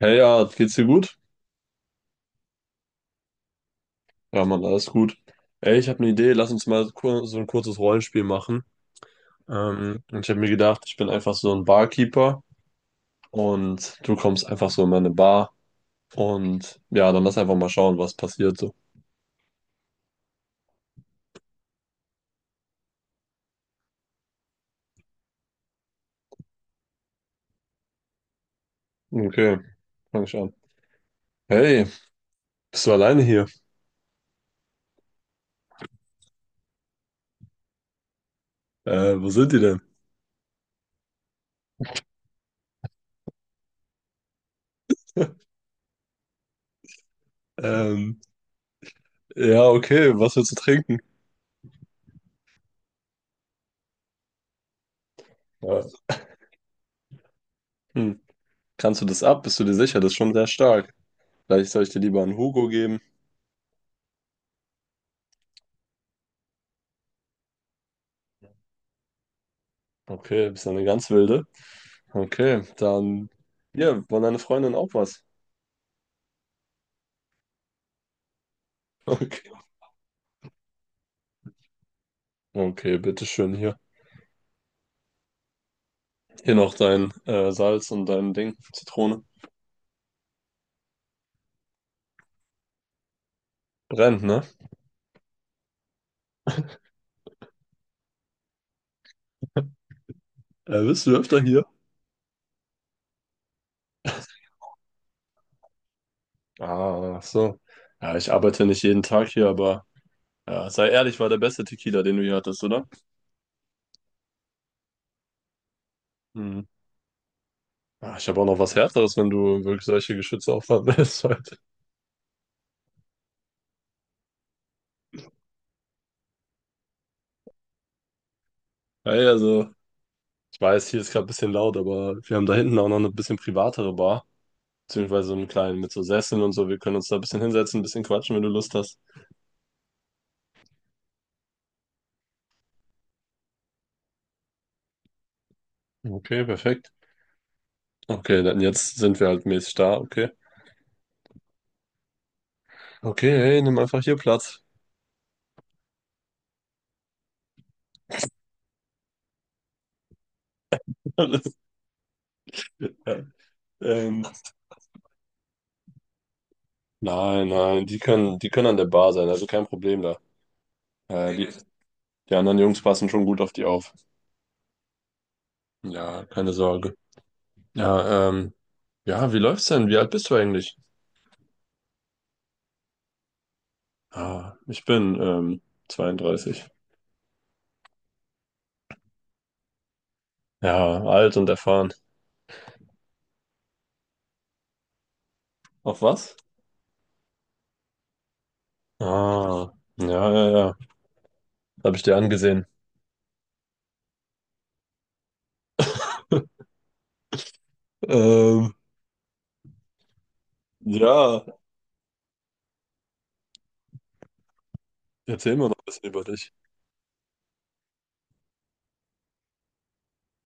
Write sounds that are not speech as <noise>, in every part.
Hey, ja, geht's dir gut? Ja, Mann, alles gut. Ey, ich habe eine Idee, lass uns mal so ein kurzes Rollenspiel machen. Und ich habe mir gedacht, ich bin einfach so ein Barkeeper und du kommst einfach so in meine Bar. Und ja, dann lass einfach mal schauen, was passiert so. Okay, fang ich an. Hey, bist du alleine hier? Wo sind die denn? <laughs> Ähm, ja, okay, was willst du trinken? Ja. Hm. Kannst du das ab? Bist du dir sicher? Das ist schon sehr stark. Vielleicht soll ich dir lieber einen Hugo geben. Okay, bist du eine ganz wilde. Okay, dann hier, von deiner Freundin auch was. <laughs> Okay, okay, bitteschön hier. Hier noch dein Salz und dein Ding, Zitrone. Brennt, ne? Bist du öfter hier? Ah, ach so. Ja, ich arbeite nicht jeden Tag hier, aber ja, sei ehrlich, war der beste Tequila, den du hier hattest, oder? Hm. Ah, ich habe auch noch was Härteres, wenn du wirklich solche Geschütze aufladen willst. <laughs> heute. Hey, also, ich weiß, hier ist gerade ein bisschen laut, aber wir haben da hinten auch noch eine bisschen privatere Bar. Beziehungsweise so einen kleinen mit so Sesseln und so. Wir können uns da ein bisschen hinsetzen, ein bisschen quatschen, wenn du Lust hast. Okay, perfekt. Okay, dann jetzt sind wir halt mäßig da, okay. Okay, hey, nimm einfach hier Platz. <laughs> Alles- ja. ähm, nein, nein, die können an der Bar sein, also kein Problem da. Äh, die, die anderen Jungs passen schon gut auf die auf. Ja, keine Sorge. Ja, ja, wie läuft's denn? Wie alt bist du eigentlich? Ah, ich bin, 32. Ja, alt und erfahren. Auf was? Ah, ja, ja, ja. Habe ich dir angesehen. Ähm, ja, erzähl mir noch ein bisschen über dich.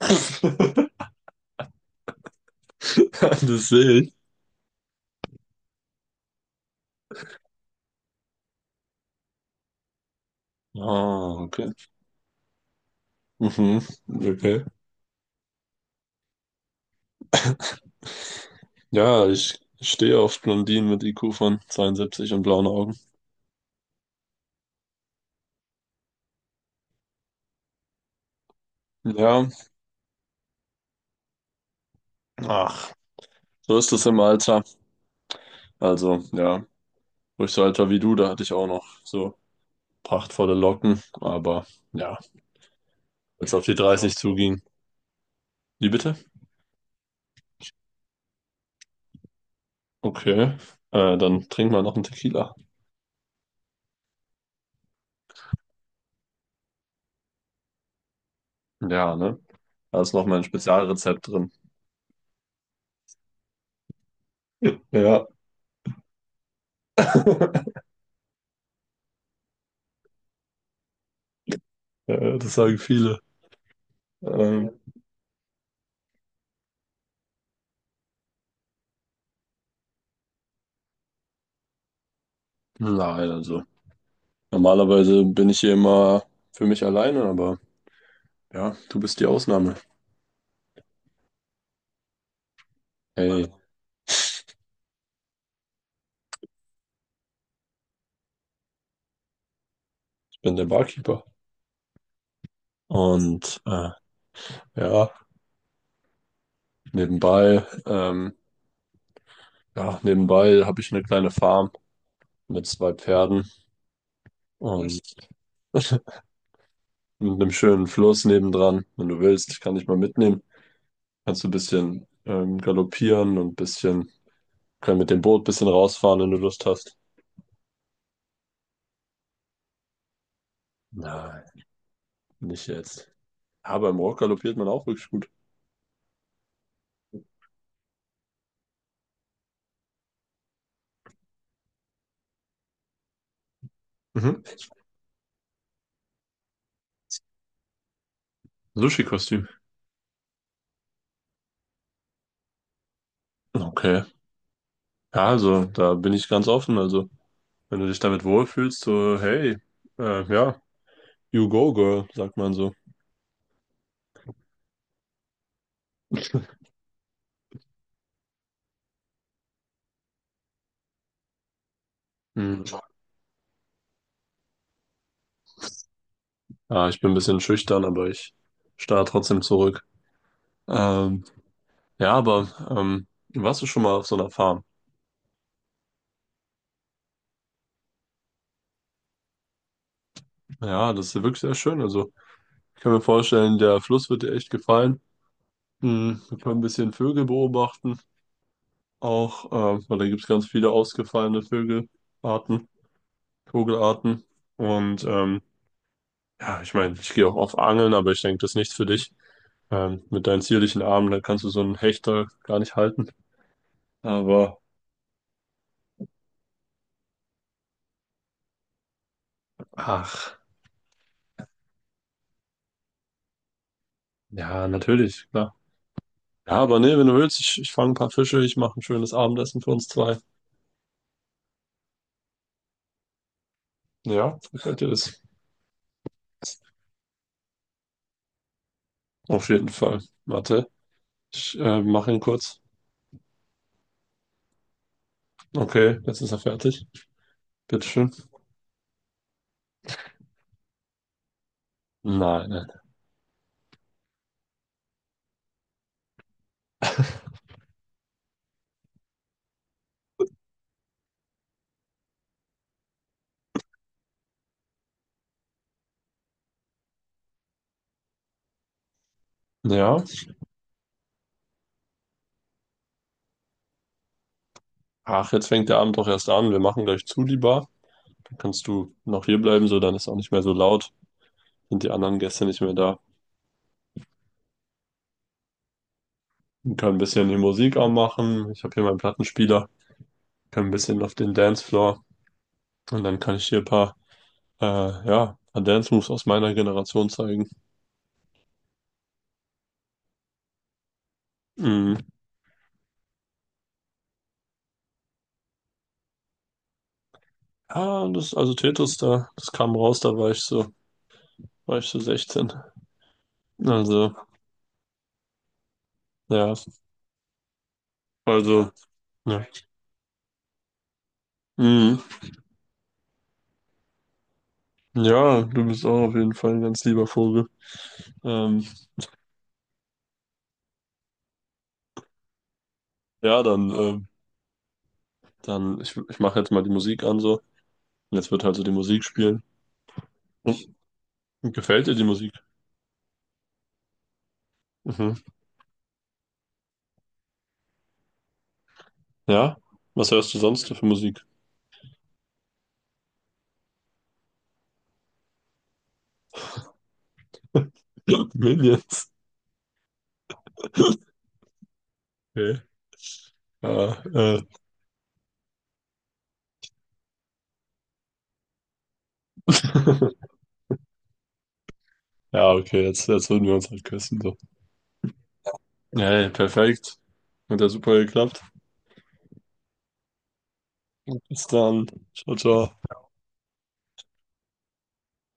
<laughs> Das sehe ich. Ah, okay. Mhm, okay. Ja, ich stehe auf Blondinen mit IQ von 72 und blauen Augen. Ja, ach, so ist es im Alter. Also, ja, ruhig so Alter wie du, da hatte ich auch noch so prachtvolle Locken, aber ja, als auf die 30 zuging. Wie bitte? Okay, dann trinken wir noch einen Tequila. Ja, ne? Da ist noch ein Spezialrezept drin. Ja, <laughs> ja, das sagen viele. Ähm, nein, also normalerweise bin ich hier immer für mich alleine, aber ja, du bist die Ausnahme. Hey, ich bin der Barkeeper. Und ja, nebenbei, ähm, ja, nebenbei habe ich eine kleine Farm mit zwei Pferden und <laughs> mit einem schönen Fluss nebendran. Wenn du willst, ich kann dich mal mitnehmen. Kannst du ein bisschen galoppieren und ein bisschen können mit dem Boot ein bisschen rausfahren, wenn du Lust hast. Nein. Nicht jetzt. Ja, beim Walk galoppiert man auch wirklich gut. Mhm. Sushi-Kostüm. Okay. Ja, also, da bin ich ganz offen. Also, wenn du dich damit wohlfühlst, so, hey, ja, you go, girl, sagt man so. Mhm. Ja, ich bin ein bisschen schüchtern, aber ich starre trotzdem zurück. Ähm, ja, aber warst du schon mal auf so einer Farm? Ja, das ist wirklich sehr schön. Also, ich kann mir vorstellen, der Fluss wird dir echt gefallen. Mhm. Wir können ein bisschen Vögel beobachten. Auch, weil da gibt es ganz viele ausgefallene Vogelarten. Und ja, ich meine, ich gehe auch auf Angeln, aber ich denke, das ist nichts für dich. Mit deinen zierlichen Armen, da kannst du so einen Hecht da gar nicht halten. Aber ach, ja, natürlich, klar. Ja, aber nee, wenn du willst, ich fange ein paar Fische, ich mache ein schönes Abendessen für uns zwei. Ja, gefällt dir das? Auf jeden Fall. Warte, ich mache ihn kurz. Okay, jetzt ist er fertig. Bitteschön. Nein, nein. Ja. Ach, jetzt fängt der Abend doch erst an. Wir machen gleich zu, die Bar. Dann kannst du noch hier bleiben, so dann ist auch nicht mehr so laut. Sind die anderen Gäste nicht mehr da. Wir können ein bisschen die Musik anmachen. Ich habe hier meinen Plattenspieler. Können ein bisschen auf den Dancefloor. Und dann kann ich hier ein paar, ja, ein paar Dance-Moves aus meiner Generation zeigen. Mhm. Ja, das, also Tetos da, das kam raus, da war ich so 16. Also, ja, also, ja. Mhm. Ja, du bist auch auf jeden Fall ein ganz lieber Vogel. Ähm, ja, dann. Dann, ich mache jetzt mal die Musik an so. Und jetzt wird halt so die Musik spielen. Hm, gefällt dir die Musik? Mhm. Ja? Was hörst du sonst für Musik? <laughs> Minions. Okay. Ja. <laughs> Ja, okay, jetzt, jetzt würden wir uns halt küssen so. Ja, hey, perfekt. Hat ja super geklappt. Bis dann. Ciao, ciao.